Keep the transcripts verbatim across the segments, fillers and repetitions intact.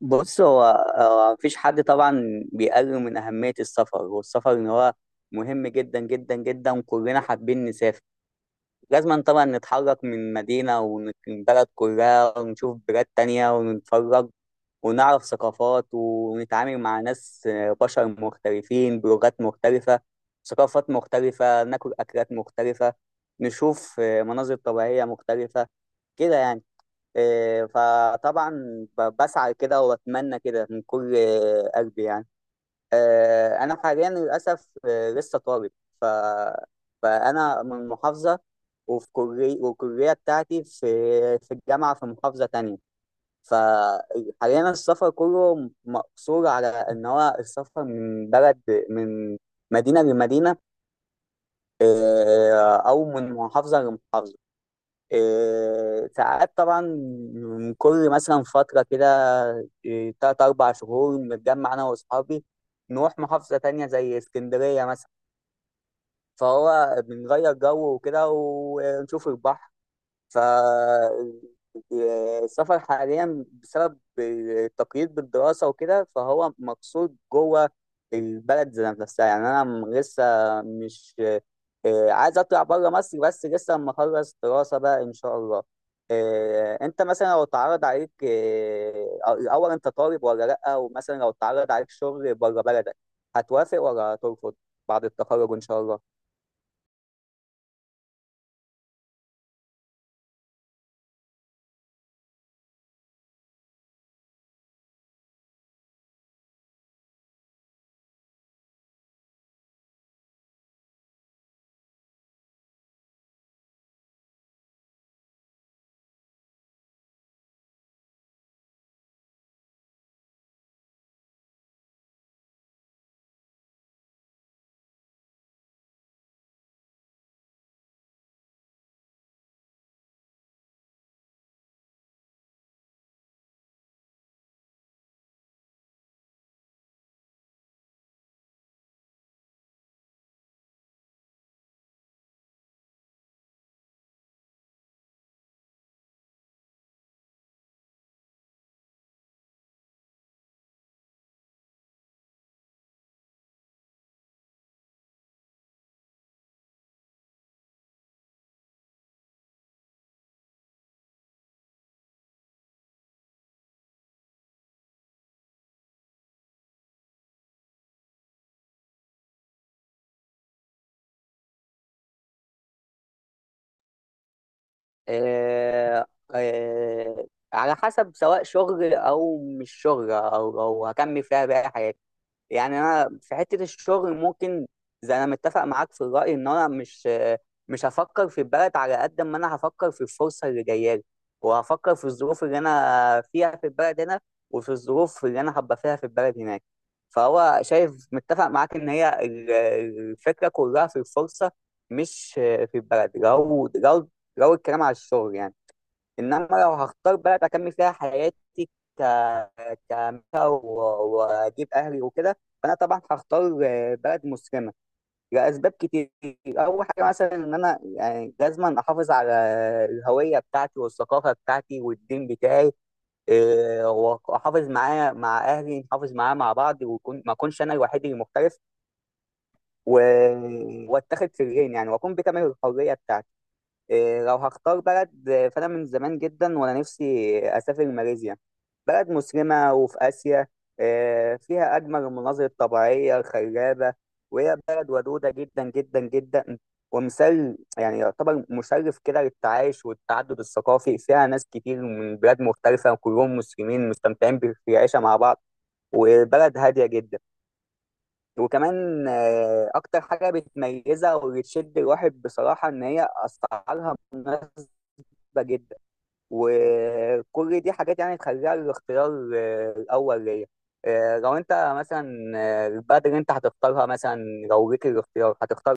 بص هو هو مفيش حد طبعا بيقلل من أهمية السفر والسفر إن هو مهم جدا جدا جدا، وكلنا حابين نسافر. لازم طبعا نتحرك من مدينة ون- من بلد كلها ونشوف بلاد تانية ونتفرج ونعرف ثقافات ونتعامل مع ناس، آه، بشر مختلفين بلغات مختلفة، ثقافات مختلفة، ناكل أكلات مختلفة، نشوف آه، مناظر طبيعية مختلفة، كده يعني. إيه، فطبعا ب- بسعى كده واتمنى كده من كل قلبي يعني. آه، انا حاليا للاسف آه، لسه طالب، ف... فانا من محافظه، وفي كليه، والكليه بتاعتي في في الجامعه في محافظه تانية. فحاليا السفر كله مقصور على ان هو السفر من بلد من مدينه لمدينه، آه، او من محافظه لمحافظه. إيه، ساعات طبعا من كل مثلا فترة كده، إيه، تلات أربع شهور بنتجمع أنا وأصحابي، نروح محافظة تانية زي اسكندرية مثلا، فهو بنغير جو وكده ونشوف البحر. فالسفر حاليا بسبب التقييد بالدراسة وكده فهو مقصود جوه البلد ذات نفسها. يعني أنا م- لسه مش آه، عايز أطلع بره مصر، بس لسه لما أخلص دراسة بقى إن شاء الله. آه، أنت مثلا لو اتعرض عليك، آه، الأول أنت طالب ولا لأ، ومثلا لو اتعرض عليك شغل بره بلدك، هتوافق ولا هترفض؟ بعد التخرج إن شاء الله. آه، آه، على حسب، سواء شغل او مش شغل، او او هكمل فيها باقي حياتي يعني. انا في حته الشغل ممكن، زي انا متفق معاك في الراي، ان انا مش مش هفكر في البلد على قد ما انا هفكر في الفرصه اللي جايه لي، وهفكر في الظروف اللي انا فيها في البلد هنا، وفي الظروف اللي انا هبقى فيها في البلد هناك. فهو شايف متفق معاك ان هي ال- الفكره كلها في الفرصه، مش في البلد، لو لو لو الكلام على الشغل يعني. انما لو هختار بلد اكمل فيها حياتي ك كمثل و- واجيب اهلي وكده، فانا طبعا هختار آه، بلد مسلمه لاسباب كتير. اول حاجه مثلا ان انا يعني لازم احافظ على الهويه بتاعتي والثقافه بتاعتي والدين بتاعي، آه، واحافظ معاه مع اهلي، نحافظ معاه مع بعض، ويكون ما اكونش انا الوحيد المختلف، و- واتاخد في العين يعني، واكون بكامل الحريه بتاعتي. إيه، لو هختار بلد، آه، فأنا من زمان جدا وأنا نفسي أسافر ماليزيا. بلد مسلمة وفي آسيا، آه، فيها أجمل المناظر الطبيعية الخلابة، وهي بلد ودودة جدا جدا جدا، ومثال يعني يعتبر مشرف كده للتعايش والتعدد الثقافي، فيها ناس كتير من بلاد مختلفة وكلهم مسلمين مستمتعين بالعيشة مع بعض، وبلد هادية جدا. وكمان آه، أكتر حاجة بتميزها واللي تشد الواحد بصراحة إن هي أسعارها مناسبة جدا. وكل دي حاجات يعني تخليها الاختيار آه، الأول ليا. آه، لو أنت مثلا، آه، البلد اللي أنت هتختارها مثلا لو ليك الاختيار، هتختار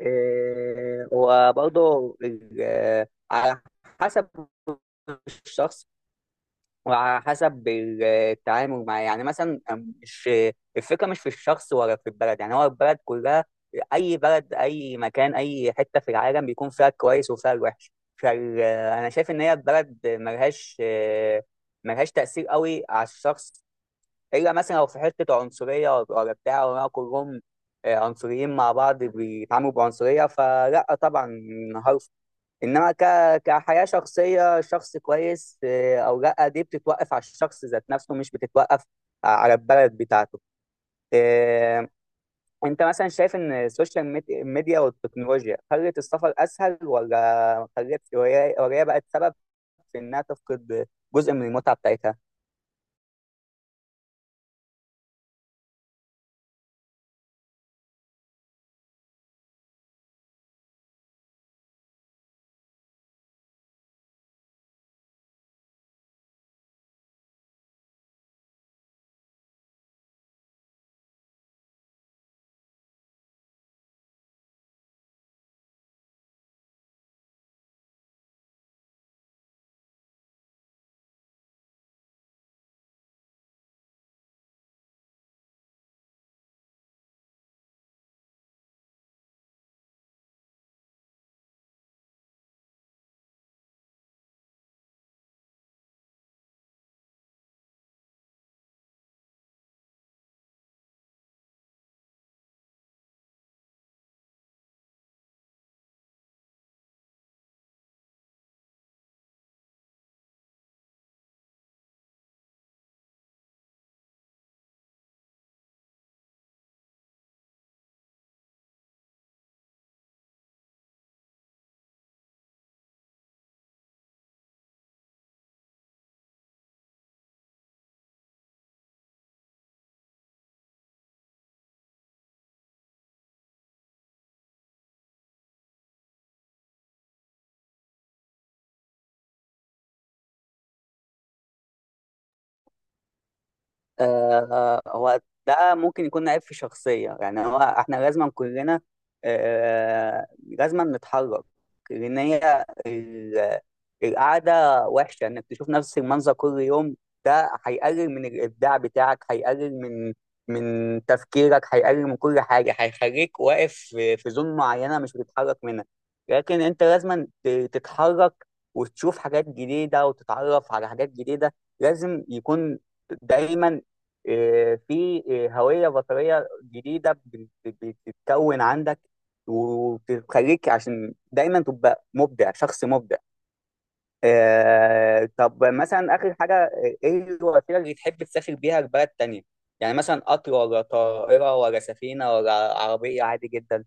إيه؟ وبرضه ال- آه، على حسب الشخص وعلى حسب التعامل معاه يعني. مثلا مش الفكره مش في الشخص ولا في البلد يعني، هو البلد كلها، اي بلد اي مكان اي حته في العالم بيكون فيها الكويس وفيها الوحش. فانا شايف ان هي البلد ملهاش ملهاش تاثير قوي على الشخص، الا مثلا لو في حته عنصريه ولا بتاع، ولا كلهم آه، عنصريين مع بعض بيتعاملوا بعنصريه، فلا طبعا. انما ك... كحياه شخصيه، شخص كويس إيه، او لا، دي بتتوقف على الشخص ذات نفسه، مش بتتوقف على البلد بتاعته. إيه، انت مثلا شايف ان السوشيال ميد- ميديا والتكنولوجيا خلت السفر اسهل، ولا خلت وهي وهي بقت سبب في انها تفقد جزء من المتعه بتاعتها؟ آه، هو ده ممكن يكون عيب في شخصية. يعني هو احنا لازم كلنا، آه، لازم نتحرك، لأن هي ال- القعدة وحشة، إنك تشوف نفس المنظر كل يوم ده هيقلل من الإبداع بتاعك، هيقلل من من تفكيرك، هيقلل من كل حاجة، هيخليك واقف في في زون معينة مش بتتحرك منها. لكن أنت لازم ت- تتحرك وتشوف حاجات جديدة وتتعرف على حاجات جديدة. لازم يكون دايما، آه، في آه، هوية بصرية جديدة بتتكون عندك، وبتخليك عشان دايما تبقى مبدع، شخص مبدع. آه، طب مثلا آخر حاجة، آه، إيه الوسيلة اللي تحب تسافر بيها لبلد تانية؟ يعني مثلا قطر ولا طائرة ولا سفينة ولا عربية عادي جدا؟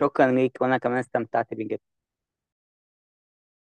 شكرا ليك وأنا كمان استمتعت بيك جدا.